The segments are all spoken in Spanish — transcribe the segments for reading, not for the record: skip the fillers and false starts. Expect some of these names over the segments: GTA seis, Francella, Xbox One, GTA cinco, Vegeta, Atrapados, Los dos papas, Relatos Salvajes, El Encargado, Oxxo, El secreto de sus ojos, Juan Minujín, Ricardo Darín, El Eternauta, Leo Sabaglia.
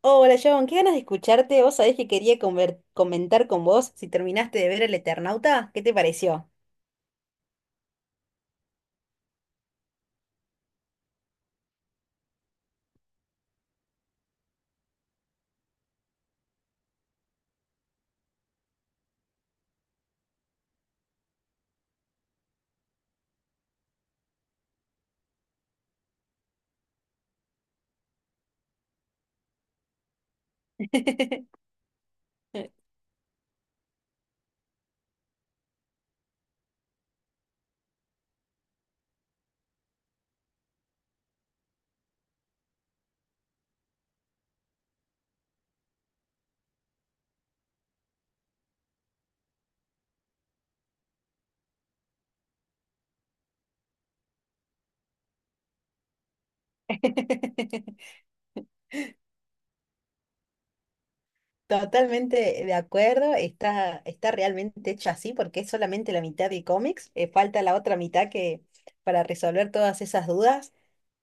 Hola, John, qué ganas de escucharte. Vos sabés que quería comentar con vos si terminaste de ver El Eternauta. ¿Qué te pareció? Totalmente de acuerdo, está realmente hecho así porque es solamente la mitad de cómics, falta la otra mitad que para resolver todas esas dudas.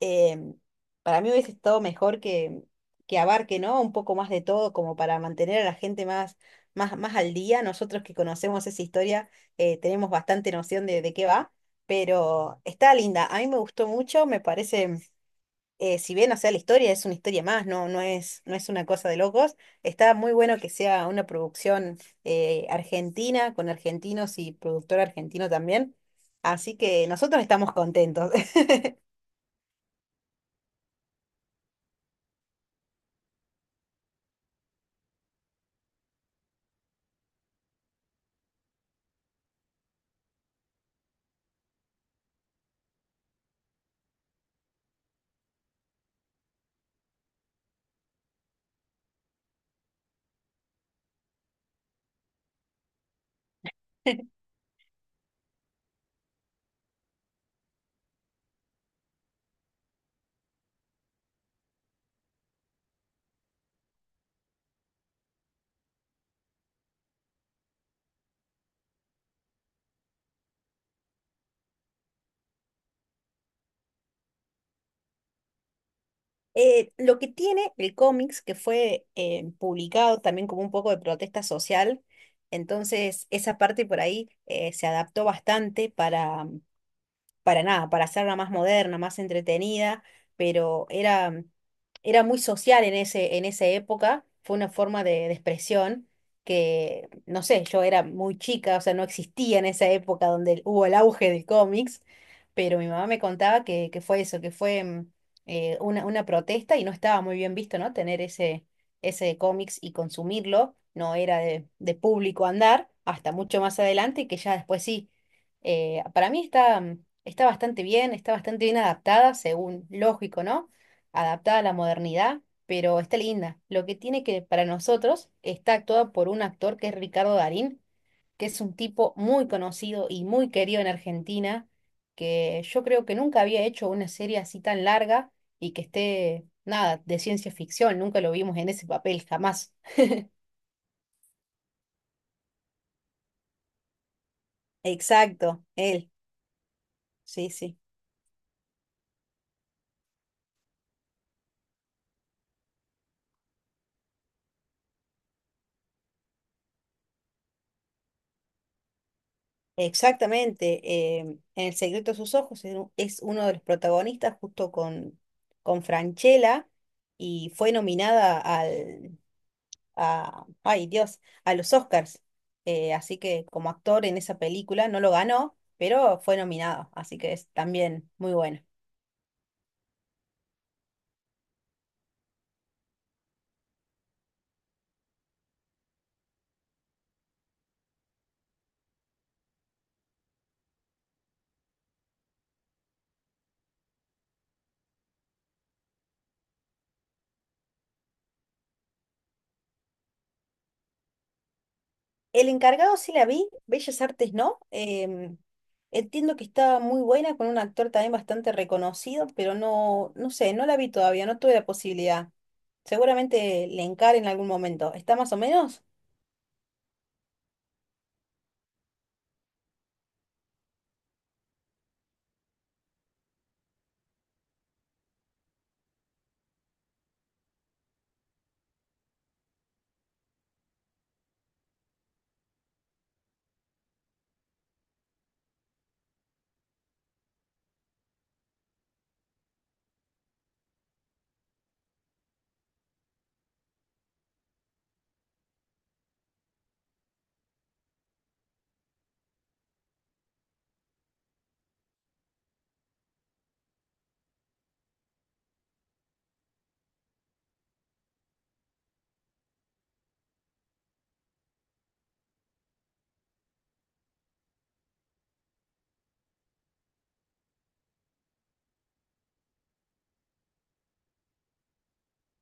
Em, para mí hubiese estado mejor que abarque, ¿no? Un poco más de todo como para mantener a la gente más, más al día. Nosotros que conocemos esa historia tenemos bastante noción de qué va, pero está linda, a mí me gustó mucho, me parece si bien, o sea, la historia es una historia más, no, no es una cosa de locos, está muy bueno que sea una producción argentina, con argentinos y productor argentino también. Así que nosotros estamos contentos. Lo que tiene el cómics, que fue publicado también como un poco de protesta social, entonces esa parte por ahí se adaptó bastante para nada, para hacerla más moderna, más entretenida, pero era, era muy social en en esa época, fue una forma de expresión que, no sé, yo era muy chica, o sea, no existía en esa época donde hubo el auge del cómics, pero mi mamá me contaba que fue eso, que fue una protesta y no estaba muy bien visto, ¿no? Tener ese cómics y consumirlo, no era de público andar, hasta mucho más adelante, que ya después sí. Para mí está, está bastante bien, está bastante bien adaptada, según lógico, ¿no? Adaptada a la modernidad, pero está linda. Lo que tiene que para nosotros está actuada por un actor que es Ricardo Darín, que es un tipo muy conocido y muy querido en Argentina, que yo creo que nunca había hecho una serie así tan larga y que esté, nada, de ciencia ficción, nunca lo vimos en ese papel, jamás. Exacto, él, sí, sí. Exactamente, en El secreto de sus ojos es uno de los protagonistas justo con Francella y fue nominada a, ay Dios, a los Oscars. Así que como actor en esa película no lo ganó, pero fue nominado, así que es también muy bueno. El Encargado sí la vi, Bellas Artes no. Entiendo que estaba muy buena con un actor también bastante reconocido, pero no, no sé, no la vi todavía, no tuve la posibilidad. Seguramente le encare en algún momento. ¿Está más o menos?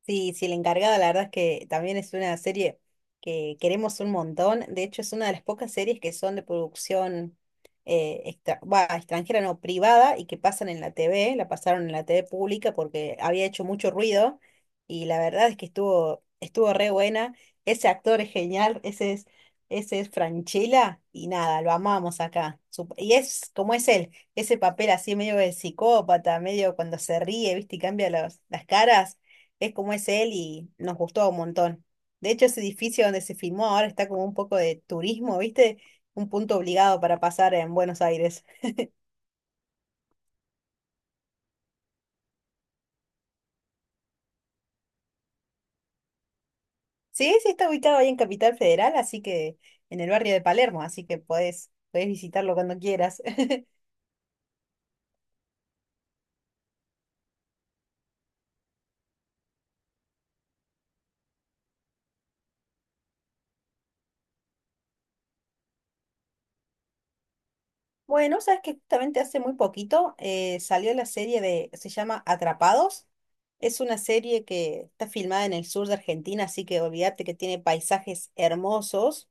Sí, sí, El Encargado, la verdad es que también es una serie que queremos un montón. De hecho, es una de las pocas series que son de producción extranjera, no, privada, y que pasan en la T V. La pasaron en la T V pública porque había hecho mucho ruido, y la verdad es que estuvo, estuvo re buena. Ese actor es genial, ese es Francella, y nada, lo amamos acá. Y es como es él, ese papel así medio de psicópata, medio cuando se ríe, ¿viste? Y cambia las caras, es como es él y nos gustó un montón. De hecho, ese edificio donde se filmó ahora está como un poco de turismo, ¿viste? Un punto obligado para pasar en Buenos Aires. Sí, sí, está ubicado ahí en Capital Federal, así que en el barrio de Palermo, así que podés, podés visitarlo cuando quieras. Bueno, sabes que justamente hace muy poquito salió la serie de, se llama Atrapados. Es una serie que está filmada en el sur de Argentina, así que olvídate que tiene paisajes hermosos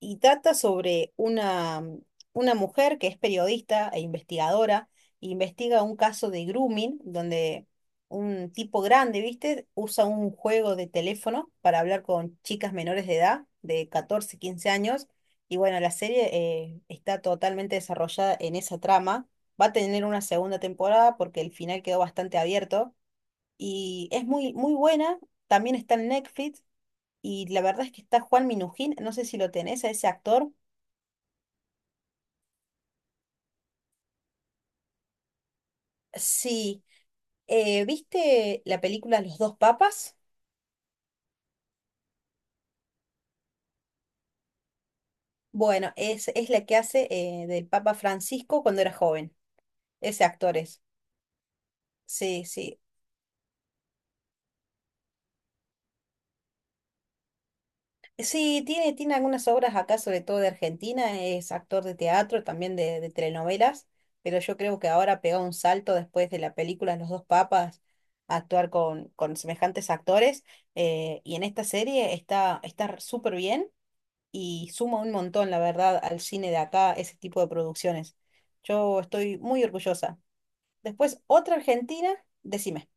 y trata sobre una, una mujer que es periodista e investigadora, e investiga un caso de grooming, donde un tipo grande, ¿viste? Usa un juego de teléfono para hablar con chicas menores de edad, de 14 15 años, y bueno, la serie está totalmente desarrollada en esa trama. Va a tener una segunda temporada porque el final quedó bastante abierto y es muy, muy buena. También está en Netflix y la verdad es que está Juan Minujín, no sé si lo tenés, a ese actor. Sí, ¿viste la película Los dos papas? Bueno, es la que hace del Papa Francisco cuando era joven. Ese actor es. Sí, sí. Sí, tiene algunas obras acá, sobre todo de Argentina. Es actor de teatro, también de telenovelas. Pero yo creo que ahora pegó un salto después de la película Los dos papas a actuar con semejantes actores. Y en esta serie está súper bien. Y suma un montón, la verdad, al cine de acá, ese tipo de producciones. Yo estoy muy orgullosa. Después, otra Argentina, decime,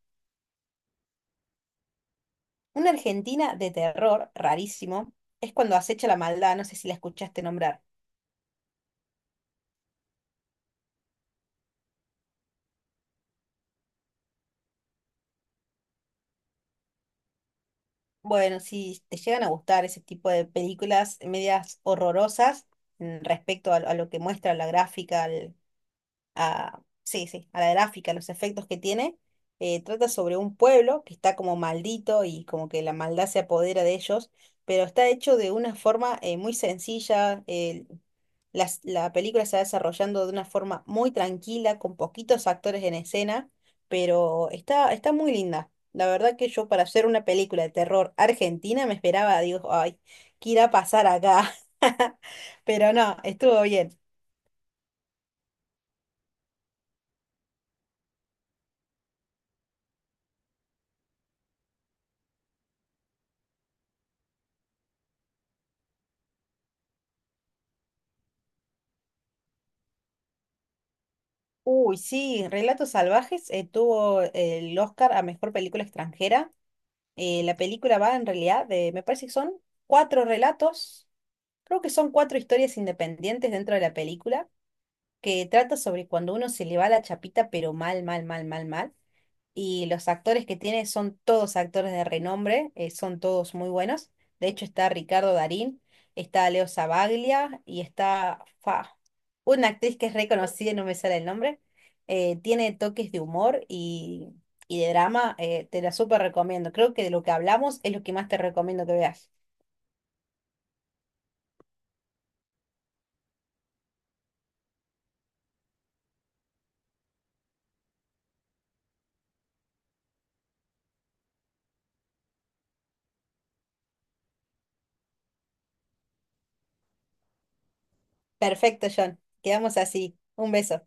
una Argentina de terror, rarísimo, es cuando acecha la maldad, no sé si la escuchaste nombrar. Bueno, si te llegan a gustar ese tipo de películas medias horrorosas respecto a lo que muestra la gráfica, sí, sí, a la gráfica, los efectos que tiene, trata sobre un pueblo que está como maldito y como que la maldad se apodera de ellos, pero está hecho de una forma muy sencilla. La película se va desarrollando de una forma muy tranquila, con poquitos actores en escena, pero está, está muy linda. La verdad que yo para hacer una película de terror argentina me esperaba, digo, ay, ¿qué irá a pasar acá? Pero no, estuvo bien. Uy, sí, Relatos Salvajes tuvo el Oscar a Mejor Película Extranjera. La película va en realidad de, me parece que son cuatro relatos, creo que son cuatro historias independientes dentro de la película que trata sobre cuando uno se le va la chapita, pero mal, mal, mal, mal, mal. Y los actores que tiene son todos actores de renombre, son todos muy buenos. De hecho, está Ricardo Darín, está Leo Sabaglia y está fa, una actriz que es reconocida, no me sale el nombre. Tiene toques de humor y de drama, te la súper recomiendo. Creo que de lo que hablamos es lo que más te recomiendo que veas. Perfecto, John. Quedamos así. Un beso.